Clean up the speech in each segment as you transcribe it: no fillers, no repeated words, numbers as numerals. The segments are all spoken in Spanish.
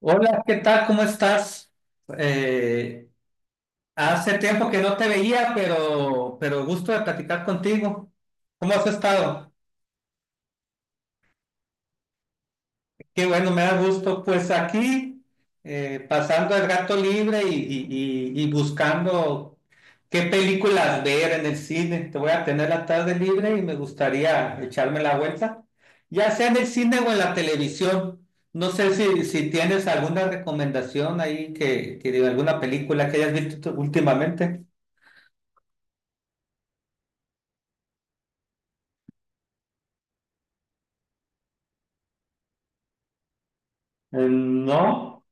Hola, ¿qué tal? ¿Cómo estás? Eh, hace tiempo que no te veía, pero gusto de platicar contigo. ¿Cómo has estado? Qué bueno, me da gusto. Pues aquí, pasando el rato libre y buscando qué películas ver en el cine. Te voy a tener la tarde libre y me gustaría echarme la vuelta, ya sea en el cine o en la televisión. No sé si tienes alguna recomendación ahí que de alguna película que hayas visto tú últimamente. No,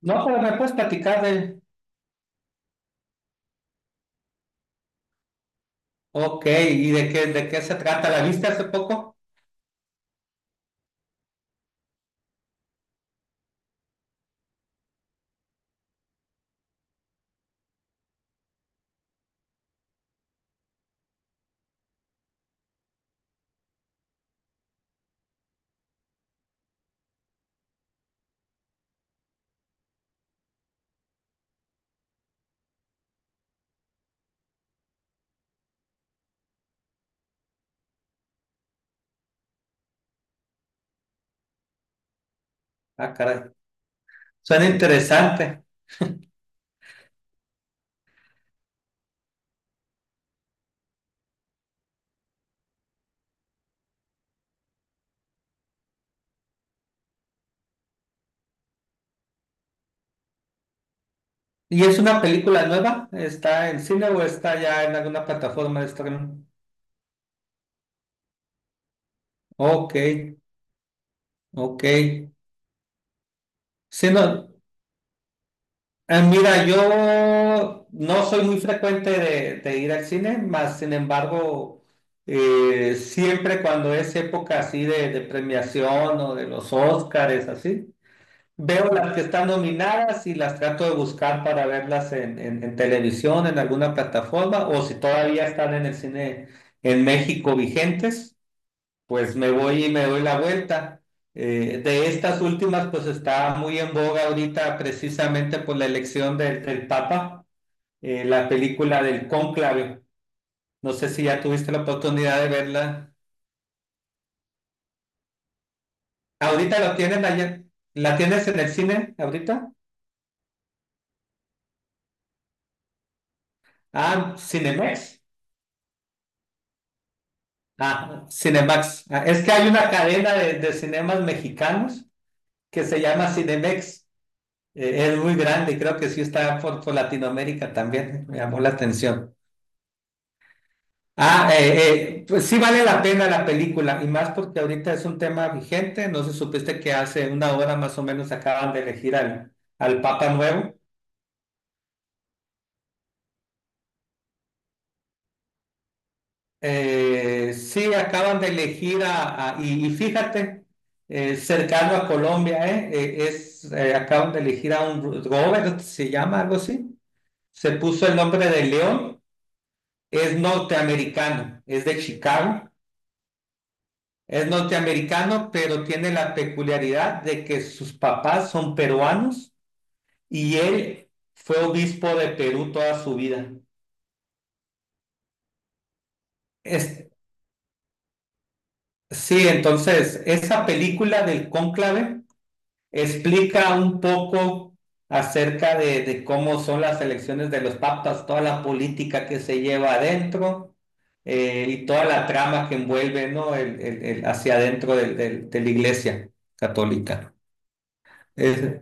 no, pero me puedes platicar de... Ok, ¿y de qué se trata? ¿La viste hace poco? Ah, caray. Suena interesante. ¿Y es una película nueva? ¿Está en cine o está ya en alguna plataforma de streaming? Ok, ok. Sí, no, mira, yo no soy muy frecuente de ir al cine, más sin embargo, siempre cuando es época así de premiación o de los Óscares, así, veo las que están nominadas y las trato de buscar para verlas en televisión, en alguna plataforma, o si todavía están en el cine en México vigentes, pues me voy y me doy la vuelta. De estas últimas, pues está muy en boga ahorita precisamente por la elección del Papa, la película del Cónclave. No sé si ya tuviste la oportunidad de verla. Ahorita la tienen allá. ¿La tienes en el cine ahorita? Ah, Cinemex. Ah, Cinemax. Ah, es que hay una cadena de cinemas mexicanos que se llama Cinemex. Es muy grande, creo que sí está por Latinoamérica también. Me llamó la atención. Ah, pues sí vale la pena la película y más porque ahorita es un tema vigente. No sé si supiste que hace una hora más o menos acaban de elegir al Papa Nuevo. Sí, acaban de elegir a, y fíjate, cercano a Colombia, es, acaban de elegir a un Robert, se llama algo así, se puso el nombre de León, es norteamericano, es de Chicago, es norteamericano, pero tiene la peculiaridad de que sus papás son peruanos y él fue obispo de Perú toda su vida. Es, sí, entonces, esa película del cónclave explica un poco acerca de cómo son las elecciones de los papas, toda la política que se lleva adentro, y toda la trama que envuelve, ¿no? Hacia adentro de la iglesia católica. Es-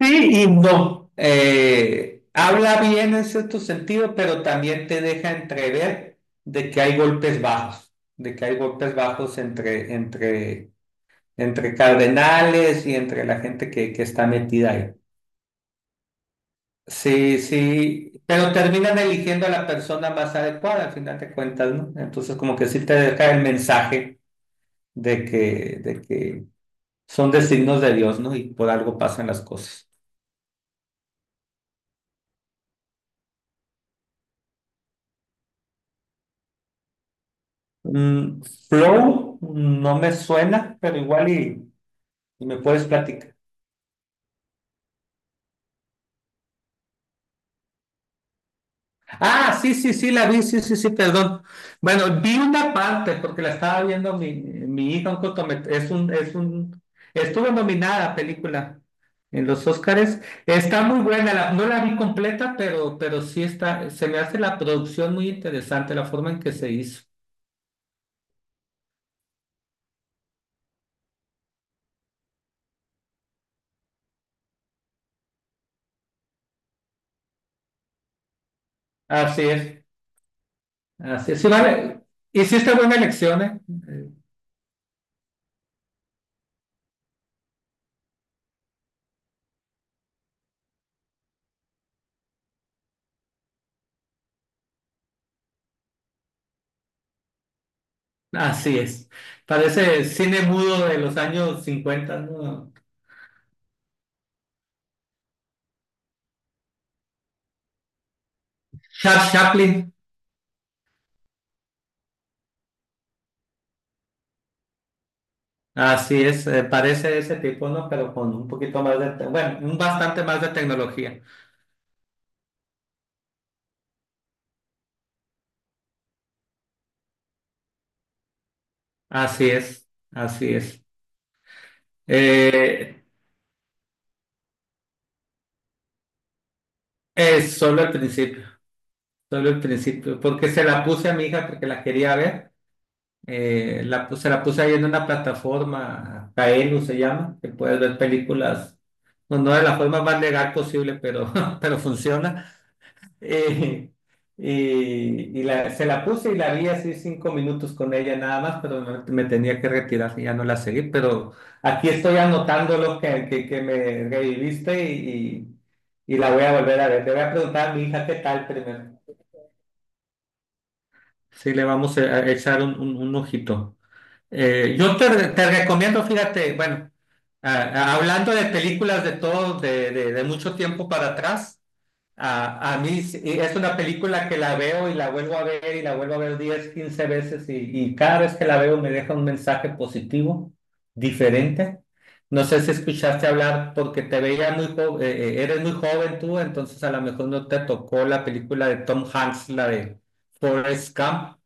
sí y no. Habla bien en cierto sentido, pero también te deja entrever de que hay golpes bajos, de que hay golpes bajos entre, entre cardenales y entre la gente que está metida ahí. Sí, sí, pero terminan eligiendo a la persona más adecuada al final de cuentas, ¿no? Entonces como que sí te deja el mensaje de que son designios de Dios, ¿no? Y por algo pasan las cosas. Mm, Flow, no me suena, pero igual y me puedes platicar. Ah, sí, sí, sí, la vi, sí, sí, sí, perdón. Bueno, vi una parte porque la estaba viendo mi hija, un estuvo nominada película en los Óscares. Está muy buena, no la vi completa, pero sí está, se me hace la producción muy interesante, la forma en que se hizo. Así es, así es. Sí, vale. Hiciste buena elección, ¿eh? Eh, Así es. Parece cine mudo de los años 50, ¿no? Charles Chaplin. Así es, parece ese tipo, ¿no? Pero con un poquito más bueno, un bastante más de tecnología. Así es, así es. Eh, es solo el principio, porque se la puse a mi hija porque la quería ver. Se la puse ahí en una plataforma, Kaelu se llama, que puedes ver películas, no, no de la forma más legal posible, pero, pero funciona. Eh, se la puse y la vi así 5 minutos con ella nada más, pero me tenía que retirar, ya no la seguí, pero aquí estoy anotando lo que, que me reviviste, y la voy a volver a ver. Le voy a preguntar a mi hija qué tal primero. Sí, le vamos a echar un ojito. Yo te recomiendo, fíjate, bueno, a- hablando de películas de todo, de mucho tiempo para atrás, a mí es una película que la veo y la vuelvo a ver y la vuelvo a ver 10 o 15 veces, y cada vez que la veo me deja un mensaje positivo, diferente. No sé si escuchaste hablar porque te veía muy joven, eres muy joven tú, entonces a lo mejor no te tocó la película de Tom Hanks, la de Forrest Gump.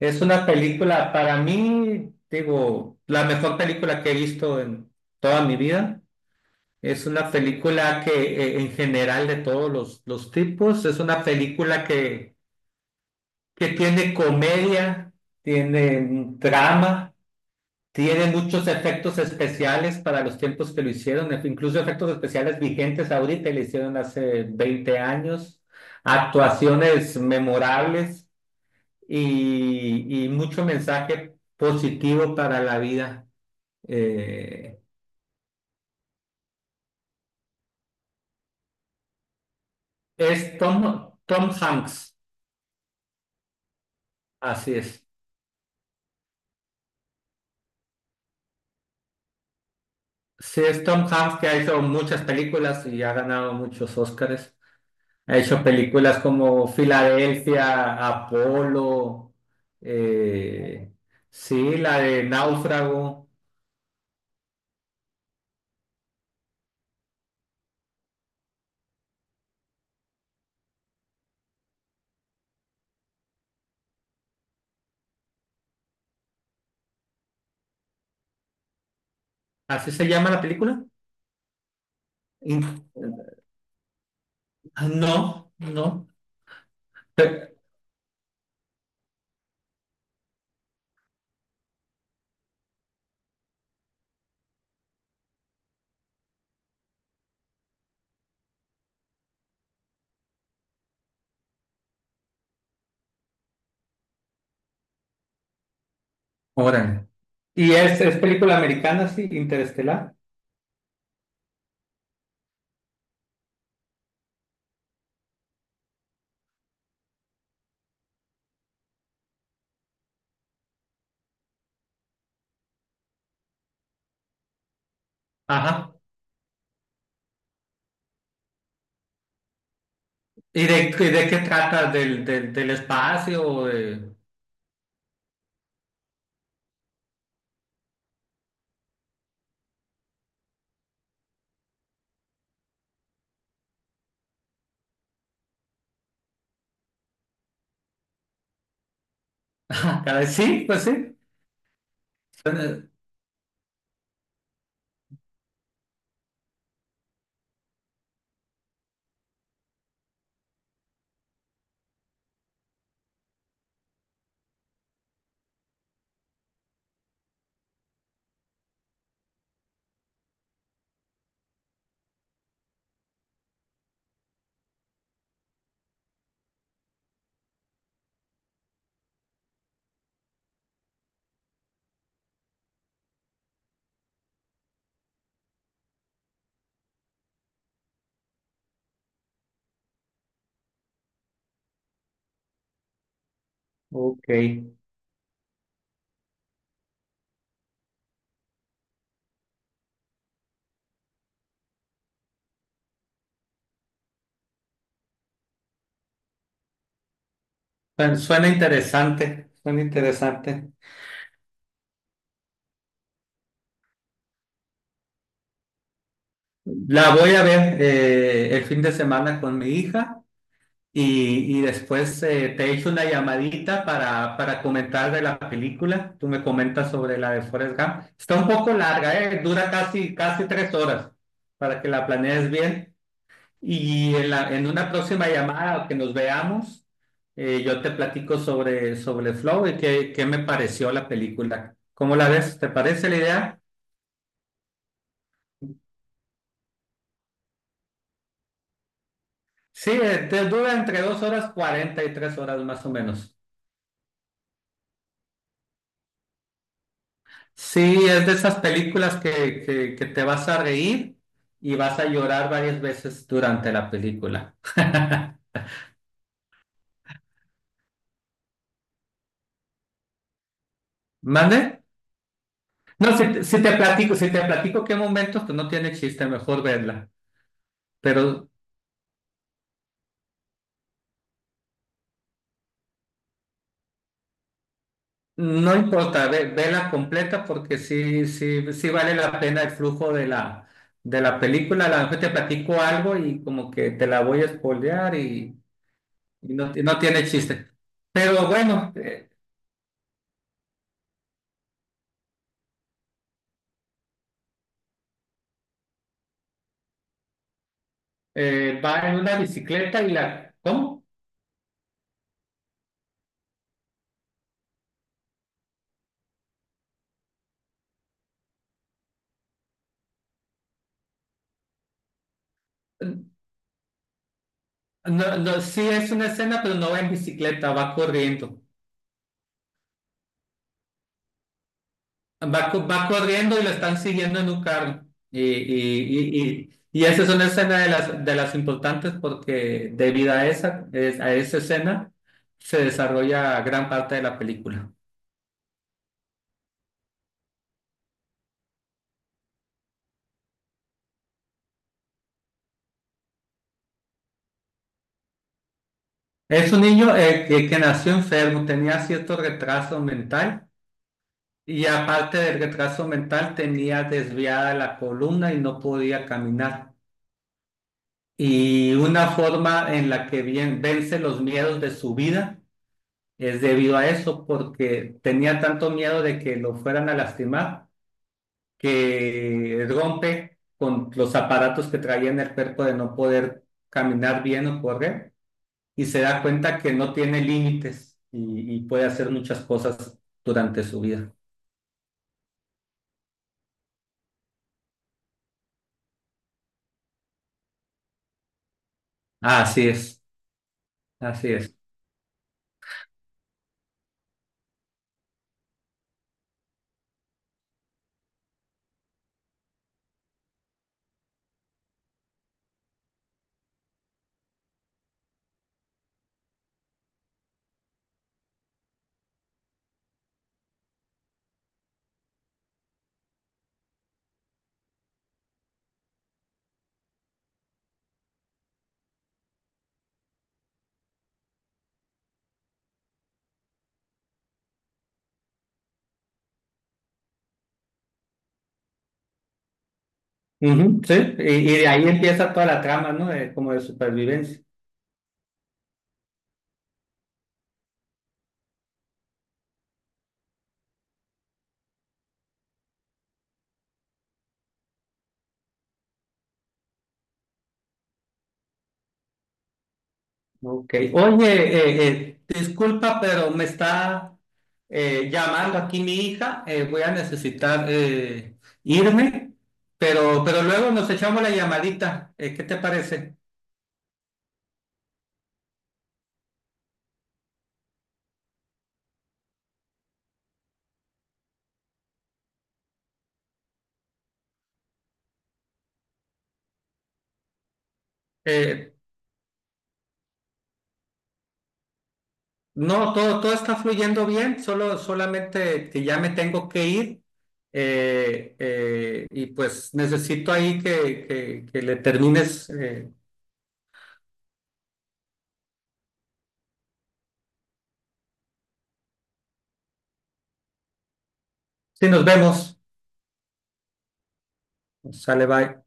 Es una película, para mí, digo, la mejor película que he visto en toda mi vida. Es una película que en general de todos los tipos, es una película que tiene comedia, tiene drama, tiene muchos efectos especiales para los tiempos que lo hicieron, incluso efectos especiales vigentes ahorita, y le hicieron hace 20 años, actuaciones memorables y mucho mensaje positivo para la vida. Eh, es Tom Hanks, así es. Sí, es Tom Hanks que ha hecho muchas películas y ha ganado muchos Óscares. Ha hecho películas como Filadelfia, Apolo, eh, sí, la de Náufrago. ¿Así se llama la película? In- No, no. Pe- Órale. Y es película americana, sí, Interestelar. Ajá. ¿Y de qué trata? ¿Del espacio? ¿O ah, caray? Sí, pues sí. Suena- ok. Suena interesante. Suena interesante. La voy a ver el fin de semana con mi hija, y después te echo una llamadita para comentar de la película. Tú me comentas sobre la de Forrest Gump. Está un poco larga, dura casi 3 horas, para que la planees bien. Y en en una próxima llamada o que nos veamos, yo te platico sobre Flow y qué me pareció la película. ¿Cómo la ves? ¿Te parece la idea? Sí, te dura entre 2 horas 40 y 3 horas más o menos. Sí, es de esas películas que te vas a reír y vas a llorar varias veces durante la película. ¿Mande? No, si te platico qué momentos, pues no tiene chiste, mejor verla. Pero no importa, vela completa porque sí, sí, sí vale la pena el flujo de la película. A lo mejor te platico algo y como que te la voy a spoilear, y no tiene chiste. Pero bueno, va en una bicicleta y la... ¿Cómo? No, no, sí es una escena, pero no va en bicicleta, va corriendo. Va corriendo y lo están siguiendo en un carro. Y esa es una escena de las importantes, porque debido a esa, a esa escena se desarrolla gran parte de la película. Es un niño que nació enfermo, tenía cierto retraso mental, y aparte del retraso mental tenía desviada la columna y no podía caminar. Y una forma en la que bien, vence los miedos de su vida es debido a eso, porque tenía tanto miedo de que lo fueran a lastimar que rompe con los aparatos que traía en el cuerpo de no poder caminar bien o correr, y se da cuenta que no tiene límites, y puede hacer muchas cosas durante su vida. Así es, así es. Ujú, sí, y de ahí empieza toda la trama, ¿no? Como de supervivencia. Ok. Oye, disculpa, pero me está llamando aquí mi hija. Voy a necesitar irme, pero luego nos echamos la llamadita. ¿Qué te parece? Eh, no, todo, todo está fluyendo bien, solo, solamente que ya me tengo que ir, y pues necesito ahí que, que le termines. Sí, nos vemos. Sale, bye.